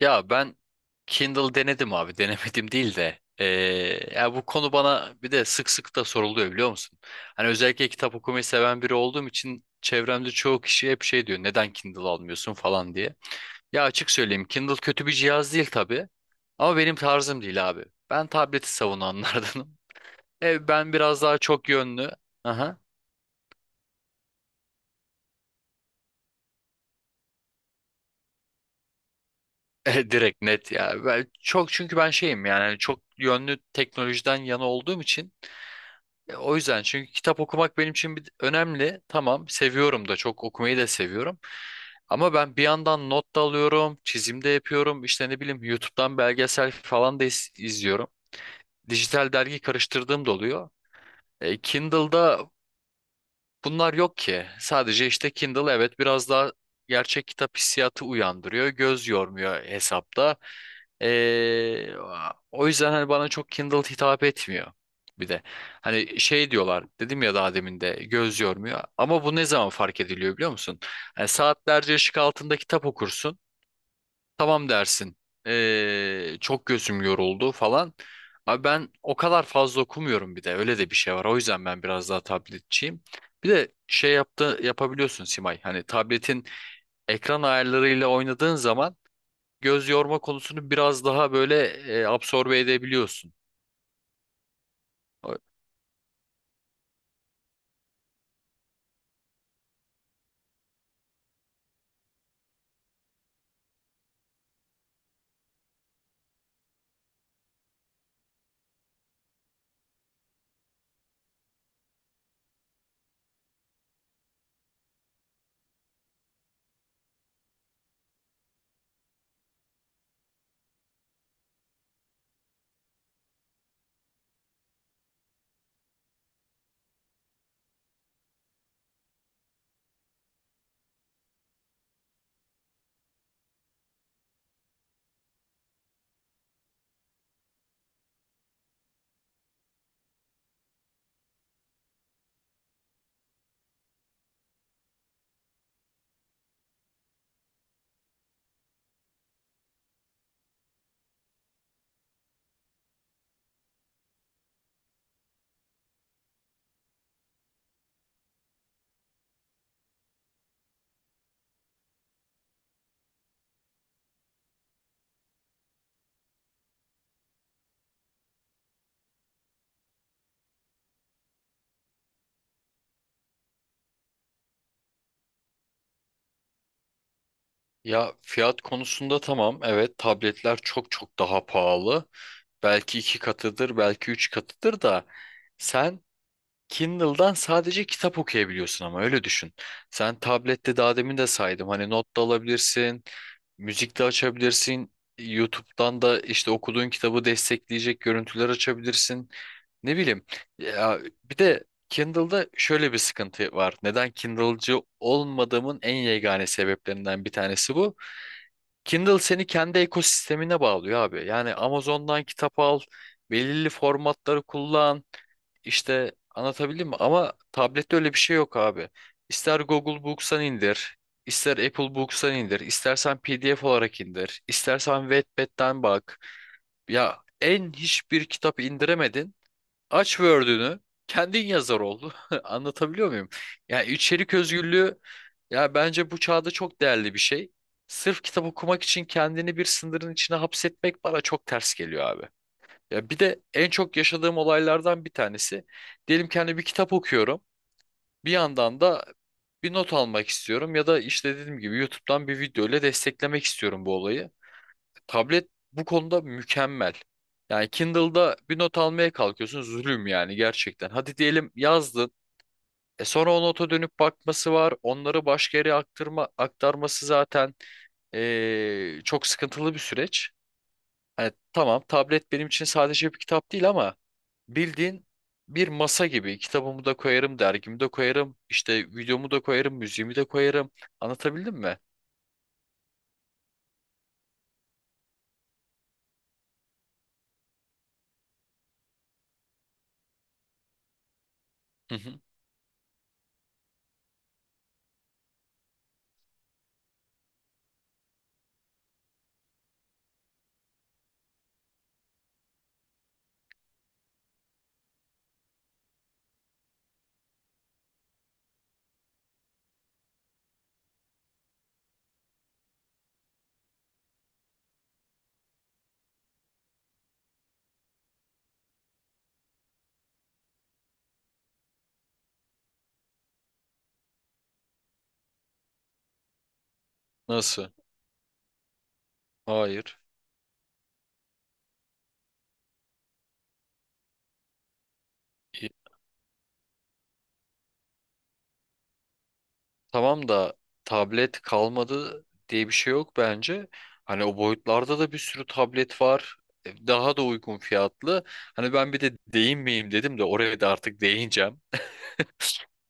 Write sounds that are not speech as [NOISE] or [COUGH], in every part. Ya ben Kindle denedim abi. [LAUGHS] Denemedim değil de. Ya bu konu bana bir de sık sık da soruluyor, biliyor musun? Hani özellikle kitap okumayı seven biri olduğum için çevremde çoğu kişi hep şey diyor: neden Kindle almıyorsun falan diye. Ya açık söyleyeyim, Kindle kötü bir cihaz değil tabii. Ama benim tarzım değil abi. Ben tableti savunanlardanım. [LAUGHS] Ben biraz daha çok yönlü. Aha. [LAUGHS] Direkt net ya. Ben çok, çünkü ben şeyim yani hani çok yönlü teknolojiden yana olduğum için o yüzden, çünkü kitap okumak benim için bir, önemli. Tamam, seviyorum da, çok okumayı da seviyorum. Ama ben bir yandan not da alıyorum, çizim de yapıyorum. İşte ne bileyim, YouTube'dan belgesel falan da izliyorum. Dijital dergi karıştırdığım da oluyor. Kindle'da bunlar yok ki. Sadece işte Kindle evet biraz daha gerçek kitap hissiyatı uyandırıyor. Göz yormuyor hesapta. Ee, O yüzden hani bana çok Kindle hitap etmiyor. Bir de hani şey diyorlar, dedim ya, daha demin de, göz yormuyor. Ama bu ne zaman fark ediliyor biliyor musun? Hani saatlerce ışık altında kitap okursun. Tamam dersin. Çok gözüm yoruldu falan. Abi ben o kadar fazla okumuyorum bir de. Öyle de bir şey var. O yüzden ben biraz daha tabletçiyim. Bir de şey yaptı yapabiliyorsun Simay. Hani tabletin ekran ayarlarıyla oynadığın zaman göz yorma konusunu biraz daha böyle absorbe edebiliyorsun. O- Ya fiyat konusunda tamam. Evet tabletler çok çok daha pahalı. Belki iki katıdır, belki üç katıdır da sen Kindle'dan sadece kitap okuyabiliyorsun, ama öyle düşün. Sen tablette, daha demin de saydım, hani not da alabilirsin, müzik de açabilirsin. YouTube'dan da işte okuduğun kitabı destekleyecek görüntüler açabilirsin. Ne bileyim. Ya bir de Kindle'da şöyle bir sıkıntı var. Neden Kindle'cı olmadığımın en yegane sebeplerinden bir tanesi bu. Kindle seni kendi ekosistemine bağlıyor abi. Yani Amazon'dan kitap al, belirli formatları kullan. İşte anlatabildim mi? Ama tablette öyle bir şey yok abi. İster Google Books'tan indir, ister Apple Books'tan indir, istersen PDF olarak indir, istersen Wattpad'den bak. Ya en hiçbir kitap indiremedin. Aç Word'ünü, kendin yazar oldu. [LAUGHS] Anlatabiliyor muyum? Yani içerik özgürlüğü ya, bence bu çağda çok değerli bir şey. Sırf kitap okumak için kendini bir sınırın içine hapsetmek bana çok ters geliyor abi. Ya bir de en çok yaşadığım olaylardan bir tanesi. Diyelim ki hani bir kitap okuyorum. Bir yandan da bir not almak istiyorum, ya da işte dediğim gibi YouTube'dan bir video ile desteklemek istiyorum bu olayı. Tablet bu konuda mükemmel. Yani Kindle'da bir not almaya kalkıyorsun, zulüm yani gerçekten. Hadi diyelim yazdın. E sonra o nota dönüp bakması var. Onları başka yere aktarma, zaten çok sıkıntılı bir süreç. Hani tamam, tablet benim için sadece bir kitap değil ama bildiğin bir masa gibi; kitabımı da koyarım, dergimi de koyarım, işte videomu da koyarım, müziğimi de koyarım. Anlatabildim mi? Hı hı. Nasıl? Hayır. E, tamam da tablet kalmadı diye bir şey yok bence. Hani o boyutlarda da bir sürü tablet var. Daha da uygun fiyatlı. Hani ben bir de değinmeyeyim dedim de, oraya da artık değineceğim.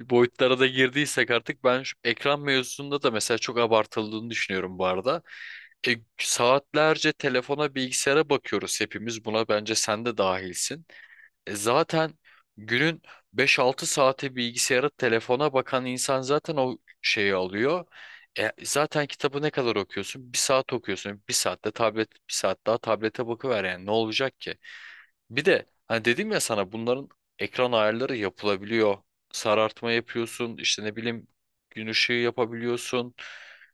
Boyutlara da girdiysek artık, ben şu ekran mevzusunda da mesela çok abartıldığını düşünüyorum bu arada. Saatlerce telefona, bilgisayara bakıyoruz hepimiz. Buna bence sen de dahilsin. Zaten günün 5-6 saati bilgisayara, telefona bakan insan zaten o şeyi alıyor. Zaten kitabı ne kadar okuyorsun? Bir saat okuyorsun. Bir saatte tablet, bir saat daha tablete bakıver yani. Ne olacak ki? Bir de hani dedim ya sana, bunların ekran ayarları yapılabiliyor. Sarartma yapıyorsun, işte ne bileyim, gün ışığı yapabiliyorsun.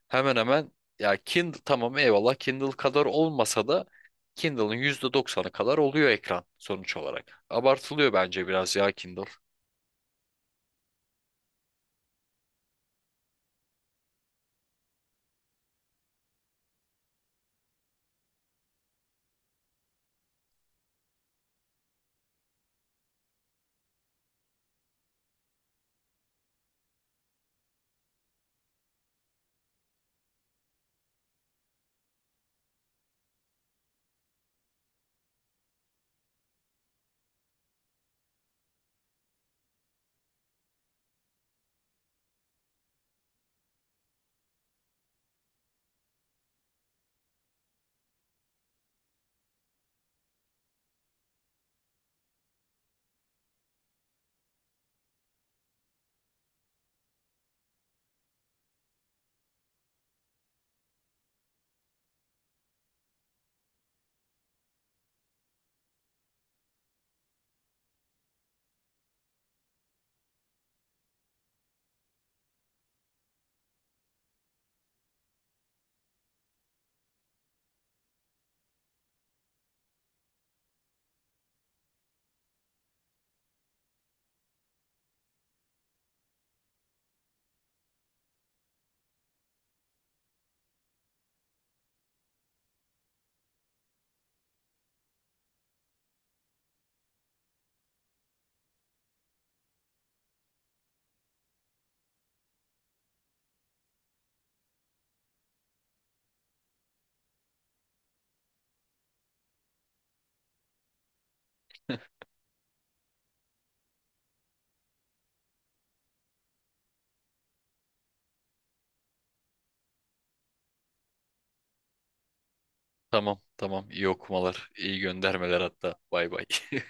Hemen hemen, ya Kindle tamam, eyvallah, Kindle kadar olmasa da Kindle'ın %90'ı kadar oluyor ekran sonuç olarak. Abartılıyor bence biraz ya Kindle. [LAUGHS] Tamam tamam, iyi okumalar, iyi göndermeler hatta. Bay bay. [LAUGHS]